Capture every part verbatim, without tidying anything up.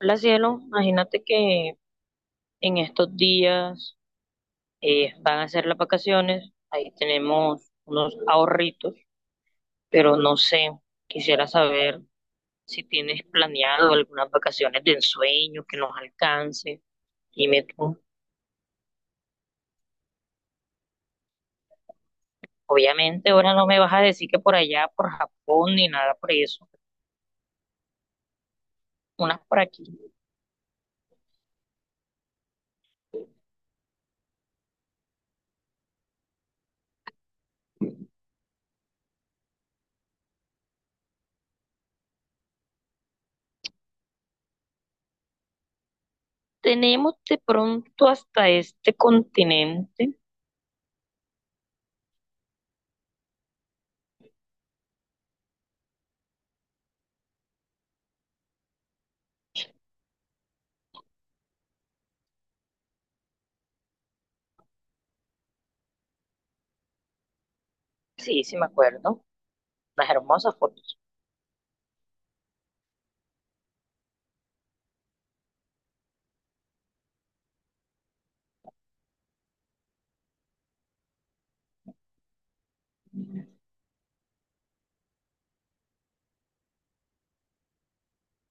Hola, cielo, imagínate que en estos días eh, van a ser las vacaciones, ahí tenemos unos ahorritos, pero no sé, quisiera saber si tienes planeado algunas vacaciones de ensueño que nos alcance. Dime tú, obviamente ahora no me vas a decir que por allá, por Japón, ni nada por eso, unas por aquí. Tenemos de pronto hasta este continente. Sí, sí me acuerdo, las hermosas fotos.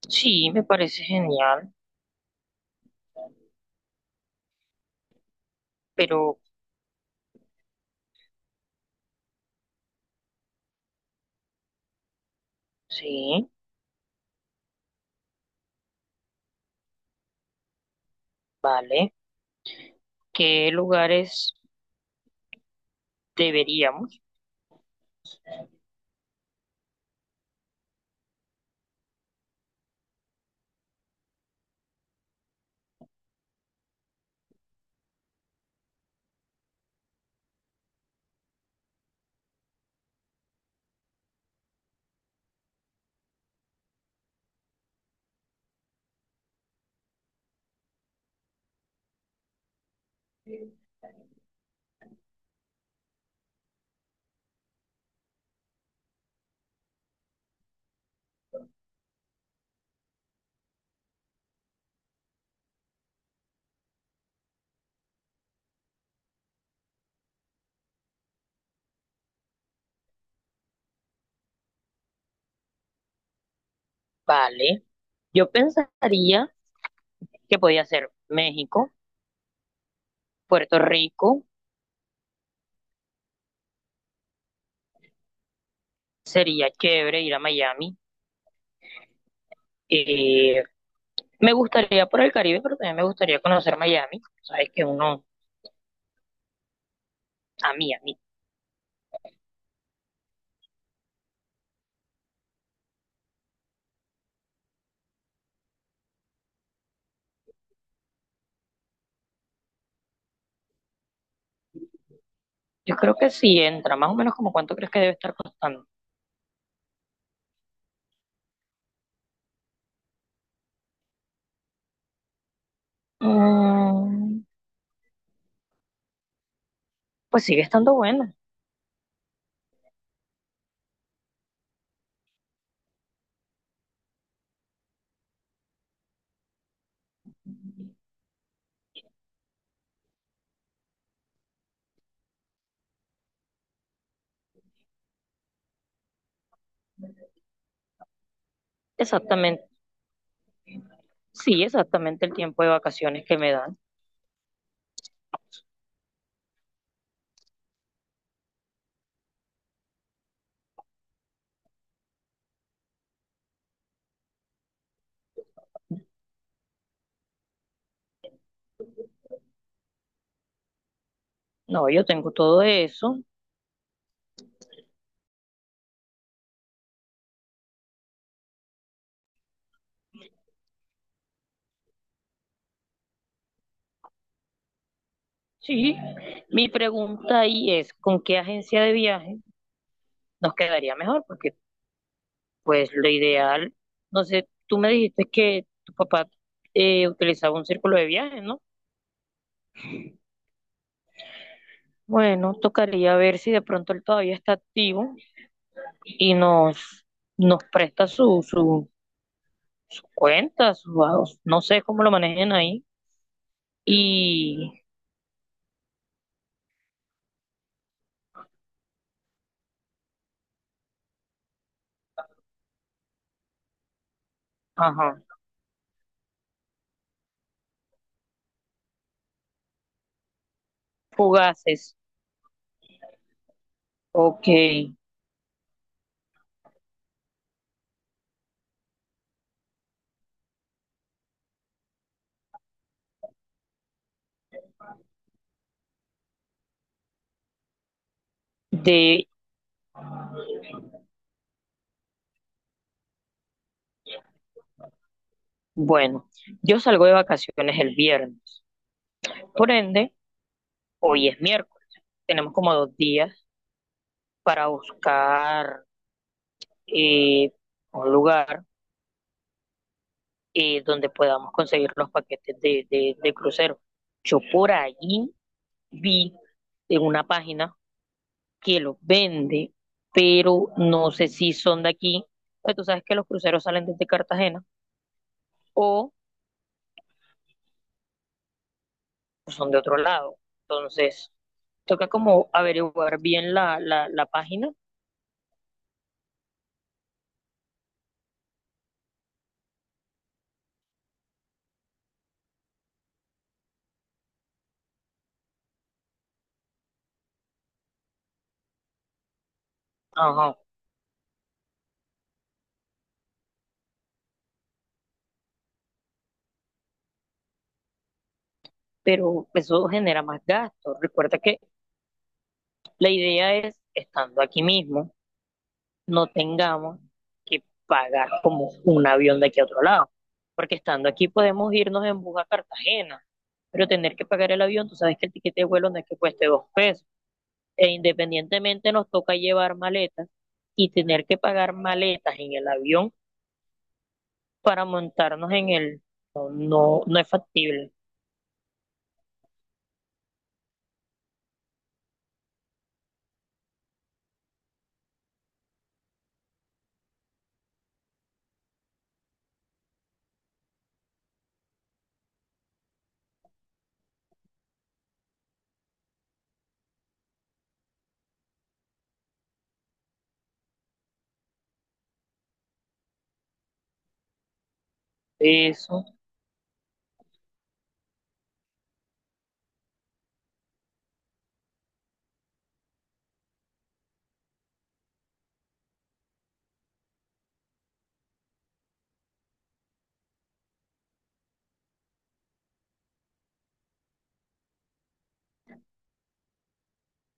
Sí, me parece genial. Pero sí, vale. ¿Qué lugares deberíamos? Vale. Yo pensaría que podía ser México, Puerto Rico, sería chévere ir a Miami. Eh, me gustaría por el Caribe, pero también me gustaría conocer Miami. Sabes que uno, a mí, a mí. Yo creo que sí entra, más o menos como cuánto crees que debe estar costando. Mm, pues sigue estando bueno. Exactamente, sí, exactamente el tiempo de vacaciones que me dan. No, yo tengo todo eso. Sí, mi pregunta ahí es, ¿con qué agencia de viaje nos quedaría mejor? Porque pues lo ideal, no sé, tú me dijiste que tu papá eh, utilizaba un círculo de viaje, ¿no? Bueno, tocaría ver si de pronto él todavía está activo y nos, nos presta su, su, su cuenta, su, no sé cómo lo manejen ahí. Y, ajá, fugaces, ok, de, bueno, yo salgo de vacaciones el viernes. Por ende, hoy es miércoles, tenemos como dos días para buscar eh, un lugar, eh, donde podamos conseguir los paquetes de, de, de crucero. Yo por allí vi en una página que los vende, pero no sé si son de aquí. Pues tú sabes que los cruceros salen desde Cartagena o son de otro lado. Entonces, toca como averiguar bien la, la, la página. Ajá. Pero eso genera más gastos. Recuerda que la idea es, estando aquí mismo, no tengamos que pagar como un avión de aquí a otro lado, porque estando aquí podemos irnos en bus a Cartagena, pero tener que pagar el avión, tú sabes que el tiquete de vuelo no es que cueste dos pesos, e independientemente nos toca llevar maletas y tener que pagar maletas en el avión para montarnos en el, no, no, no es factible eso.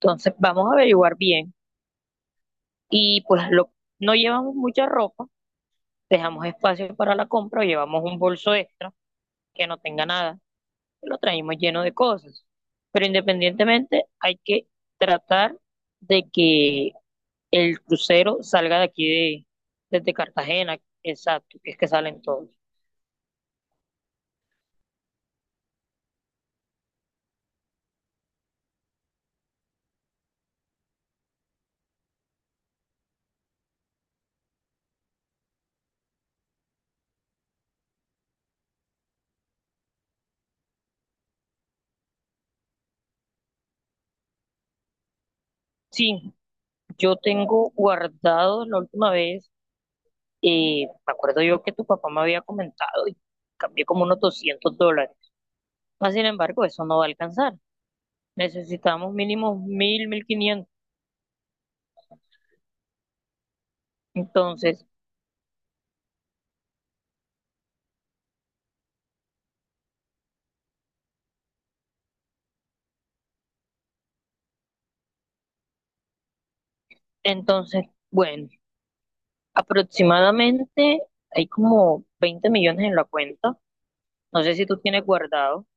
Entonces vamos a averiguar bien y pues lo, no llevamos mucha ropa, dejamos espacio para la compra o llevamos un bolso extra que no tenga nada, y lo traemos lleno de cosas. Pero independientemente, hay que tratar de que el crucero salga de aquí de, desde Cartagena, exacto, que es que salen todos. Sí, yo tengo guardado la última vez, eh, me acuerdo yo que tu papá me había comentado y cambié como unos doscientos dólares. Mas, sin embargo, eso no va a alcanzar. Necesitamos mínimo mil mil quinientos. Entonces, entonces, bueno, aproximadamente hay como veinte millones en la cuenta. No sé si tú tienes guardado,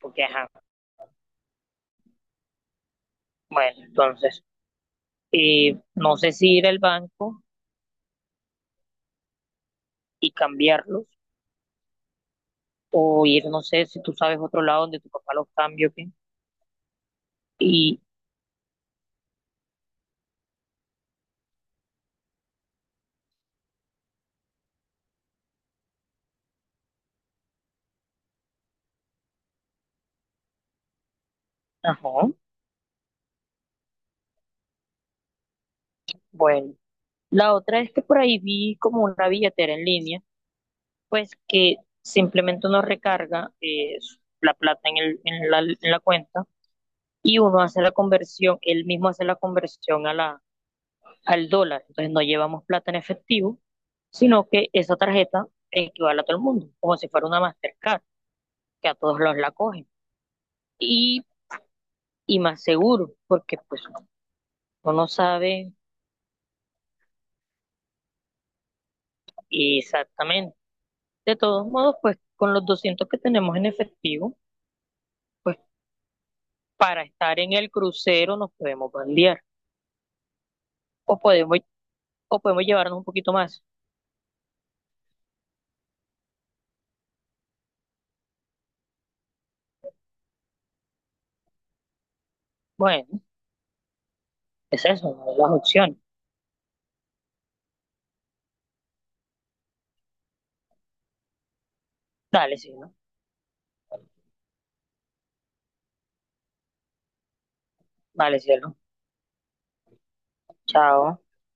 porque ajá, bueno, entonces, eh, no sé si ir al banco y cambiarlos, o ir, no sé, si tú sabes otro lado donde tu papá los cambie, ¿ok? Y, ajá, bueno. La otra es que por ahí vi como una billetera en línea, pues que simplemente uno recarga eh, la plata en el, en la, en la cuenta y uno hace la conversión, él mismo hace la conversión a la, al dólar. Entonces no llevamos plata en efectivo, sino que esa tarjeta equivale a todo el mundo, como si fuera una Mastercard, que a todos los la cogen. Y, y más seguro, porque pues uno no sabe exactamente. De todos modos, pues con los doscientos que tenemos en efectivo, pues para estar en el crucero nos podemos bandear, o podemos, o podemos llevarnos un poquito más. Bueno, es eso, ¿no?, las opciones. Dale, sí, ¿no? Dale, sí, el chao.